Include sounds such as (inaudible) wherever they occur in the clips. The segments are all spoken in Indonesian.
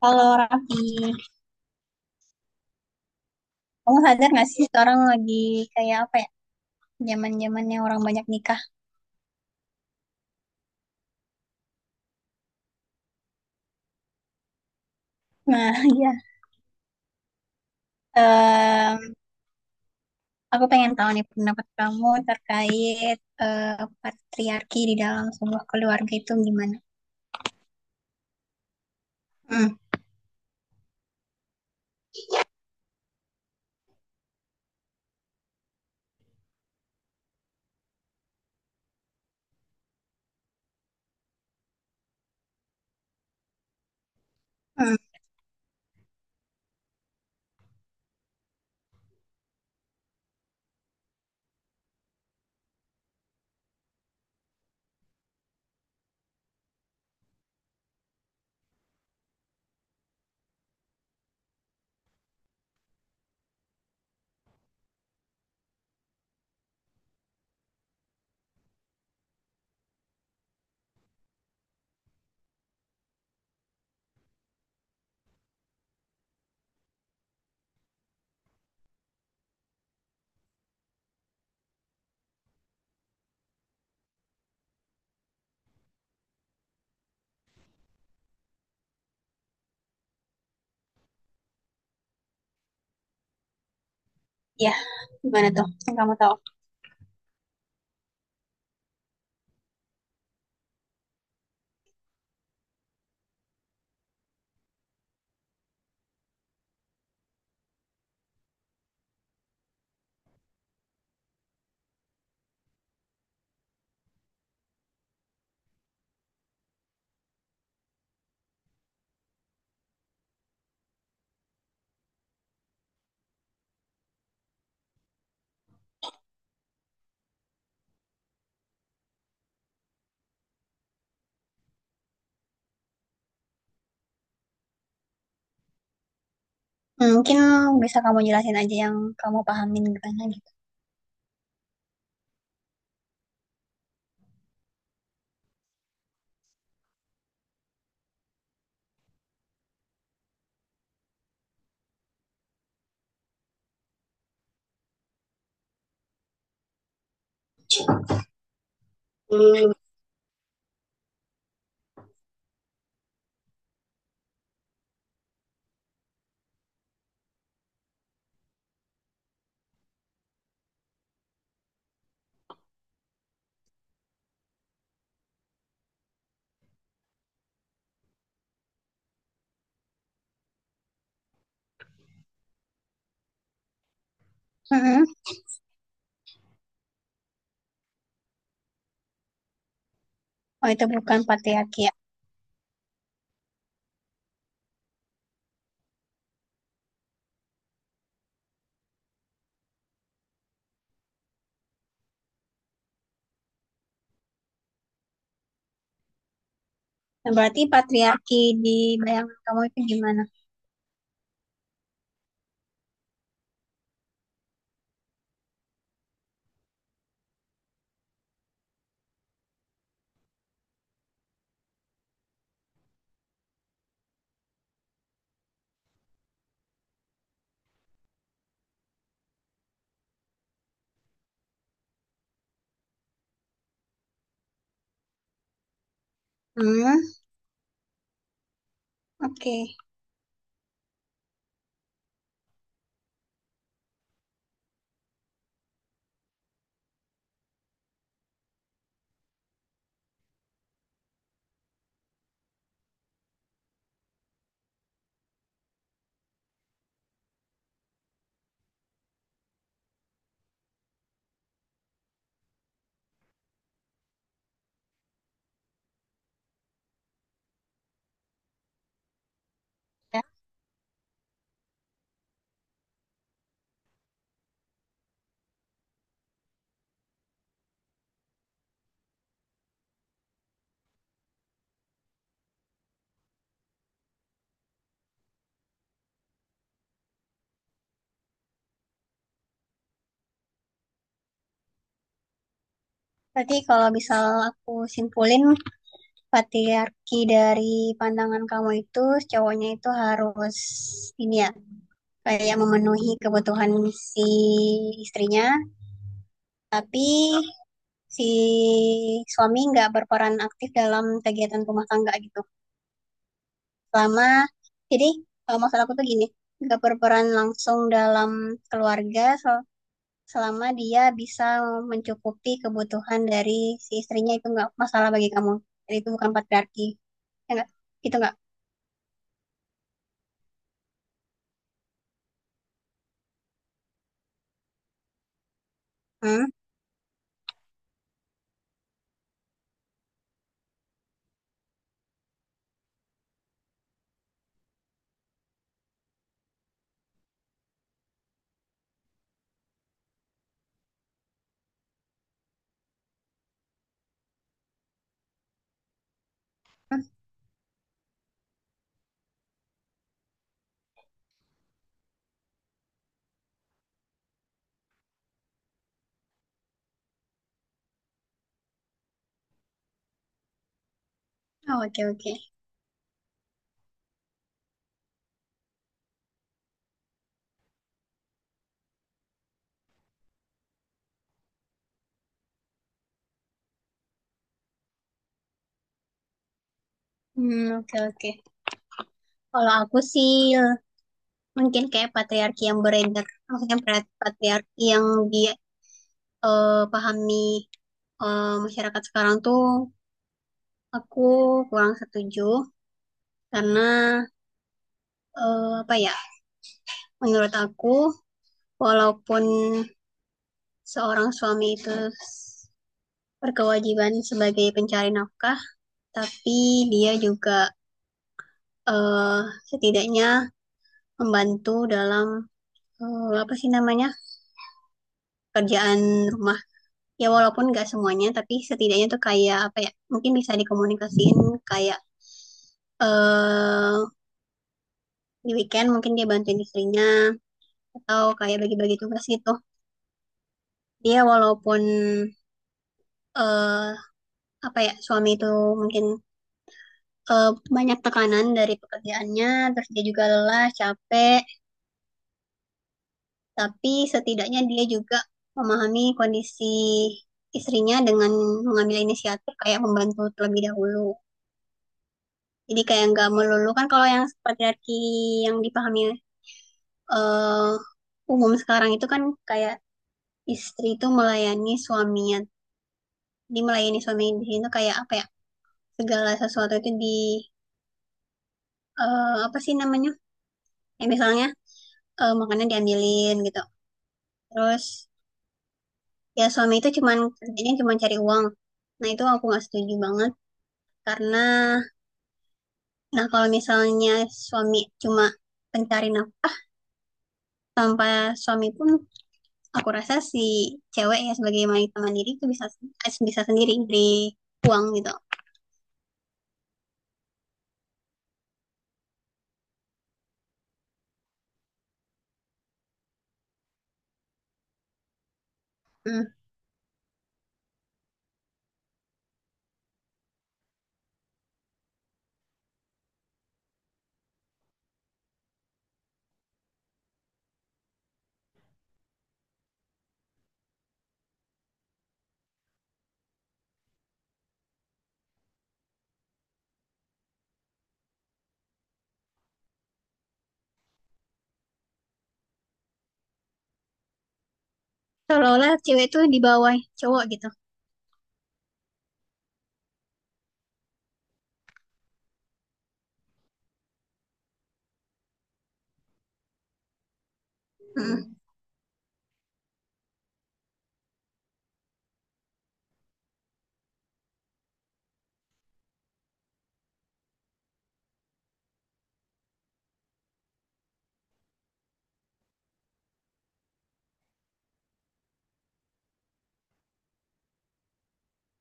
Kalau Raffi, kamu sadar nggak sih sekarang lagi kayak apa ya? Zaman-zamannya orang banyak nikah. Nah, (laughs) iya. Em, aku pengen tahu nih pendapat kamu terkait eh, patriarki di dalam sebuah keluarga itu gimana? Hmm, hmm, ya, gimana tuh? Yang kamu tahu? Hmm, mungkin bisa kamu jelasin aja yang kamu pahamin gimana gitu. Hmm, mm-mm. Oh, itu bukan patriarki ya. Nah, berarti patriarki di bayangan kamu itu gimana? Hmm, oke. Berarti kalau misal aku simpulin patriarki dari pandangan kamu itu cowoknya itu harus ini ya kayak memenuhi kebutuhan si istrinya, tapi si suami nggak berperan aktif dalam kegiatan rumah tangga gitu. Selama jadi kalau maksud aku tuh gini, nggak berperan langsung dalam keluarga, selama dia bisa mencukupi kebutuhan dari si istrinya itu nggak masalah bagi kamu. Jadi itu bukan patriarki. Ya nggak? Gitu nggak? Hmm? Oh, oke oke. Hmm, oke oke. Kalau aku sih mungkin kayak patriarki yang beredar, maksudnya patriarki yang dia pahami masyarakat sekarang tuh aku kurang setuju karena apa ya? Menurut aku walaupun seorang suami itu berkewajiban sebagai pencari nafkah, tapi dia juga eh, setidaknya membantu dalam apa sih namanya kerjaan rumah. Ya walaupun nggak semuanya, tapi setidaknya tuh kayak apa ya? Mungkin bisa dikomunikasiin kayak eh di weekend mungkin dia bantuin istrinya atau kayak bagi-bagi tugas gitu. Dia walaupun eh apa ya suami itu mungkin eh, banyak tekanan dari pekerjaannya, terus dia juga lelah, capek, tapi setidaknya dia juga memahami kondisi istrinya dengan mengambil inisiatif kayak membantu terlebih dahulu. Jadi kayak nggak melulu kan kalau yang patriarki yang dipahami eh, umum sekarang itu kan kayak istri itu melayani suaminya. Jadi melayani suami di sini tuh kayak apa ya? Segala sesuatu itu di apa sih namanya? Ya misalnya makanan diambilin gitu. Terus ya suami itu cuman kerjanya cuma cari uang. Nah itu aku nggak setuju banget. Karena, nah kalau misalnya suami cuma pencari nafkah tanpa suami pun aku rasa si cewek ya sebagai wanita mandiri itu bisa bisa sendiri dari uang gitu. Hmm. Seolah-olah cewek itu di bawah cowok gitu. Hmm.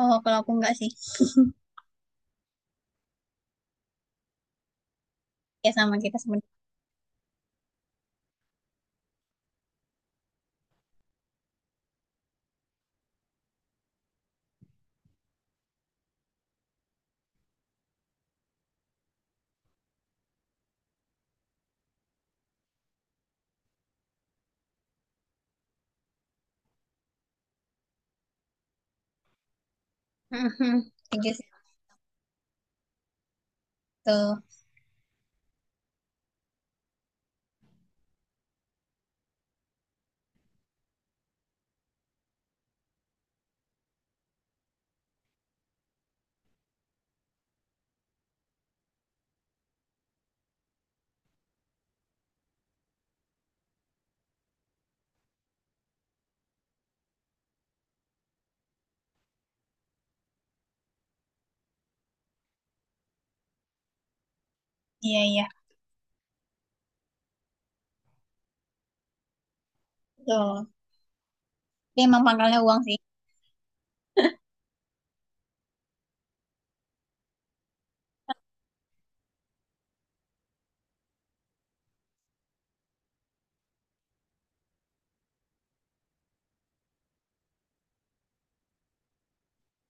Oh, kalau aku enggak sih. (laughs) Ya sama kita sebenarnya. Mhm. Setuju sih. Betul. Iya, iya. Betul. Dia emang pangkalnya uang sih.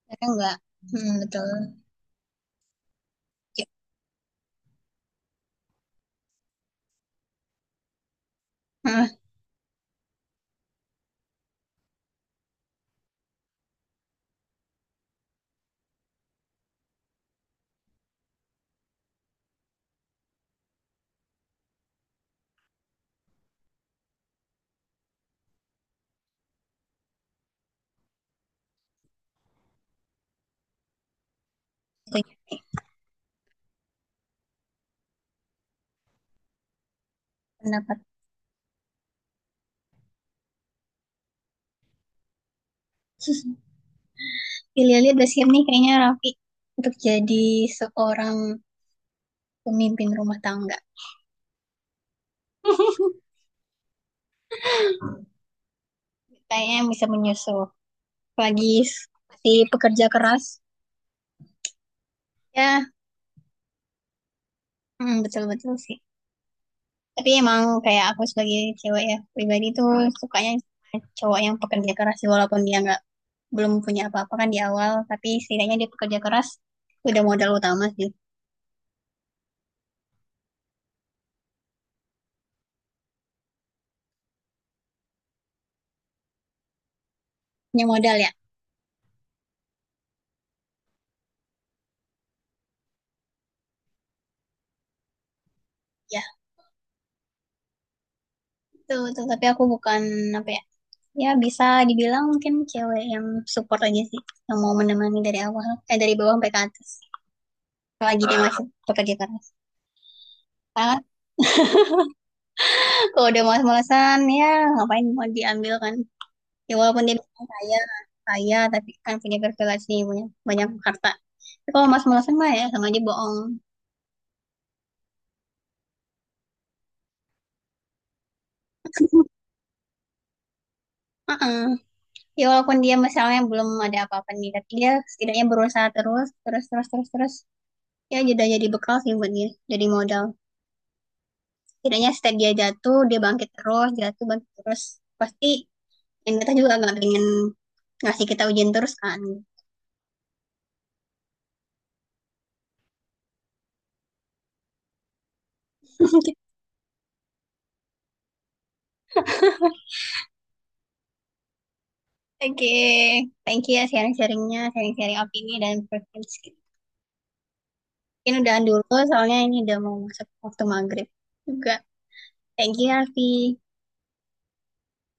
Mereka enggak. Hmm, betul. Ya. Hmm, setuju. Pendapat. (laughs) Pilihannya Basir nih kayaknya Raffi untuk jadi seorang pemimpin rumah tangga. (laughs) Kayaknya yang bisa menyusul. Lagi si pekerja keras. Ya, mm, betul-betul sih. Tapi emang kayak aku sebagai cewek ya, pribadi tuh sukanya cowok yang pekerja keras sih, walaupun dia nggak belum punya apa-apa kan di awal, tapi setidaknya dia pekerja keras udah modal utama sih. Punya modal ya. Ya, betul, betul. Tapi aku bukan apa ya, ya bisa dibilang mungkin cewek yang support aja sih, yang mau menemani dari awal, eh dari bawah sampai ke atas. Lagi dia masih pekerja keras. Ah kalau udah malas-malasan ya ngapain mau diambil kan. Ya walaupun dia bilang kaya, kaya tapi kan punya privilege nih, punya banyak harta. Tapi kalau malas-malasan mah ya sama aja bohong. (laughs) Heeh. Ya walaupun dia misalnya belum ada apa-apa nih, tapi dia setidaknya berusaha terus, terus, terus, terus, terus. Ya jadi bekal sih buat dia, jadi modal. Tidaknya setiap dia jatuh, dia bangkit terus, jatuh, bangkit terus. Pasti yang kita juga nggak pengen ngasih kita ujian terus kan. (laughs) Oke, thank you ya sharing-sharingnya, sharing-sharing opini dan preferensi. Mungkin udahan dulu soalnya ini udah mau masuk waktu maghrib juga. Thank you, ya, Alfi.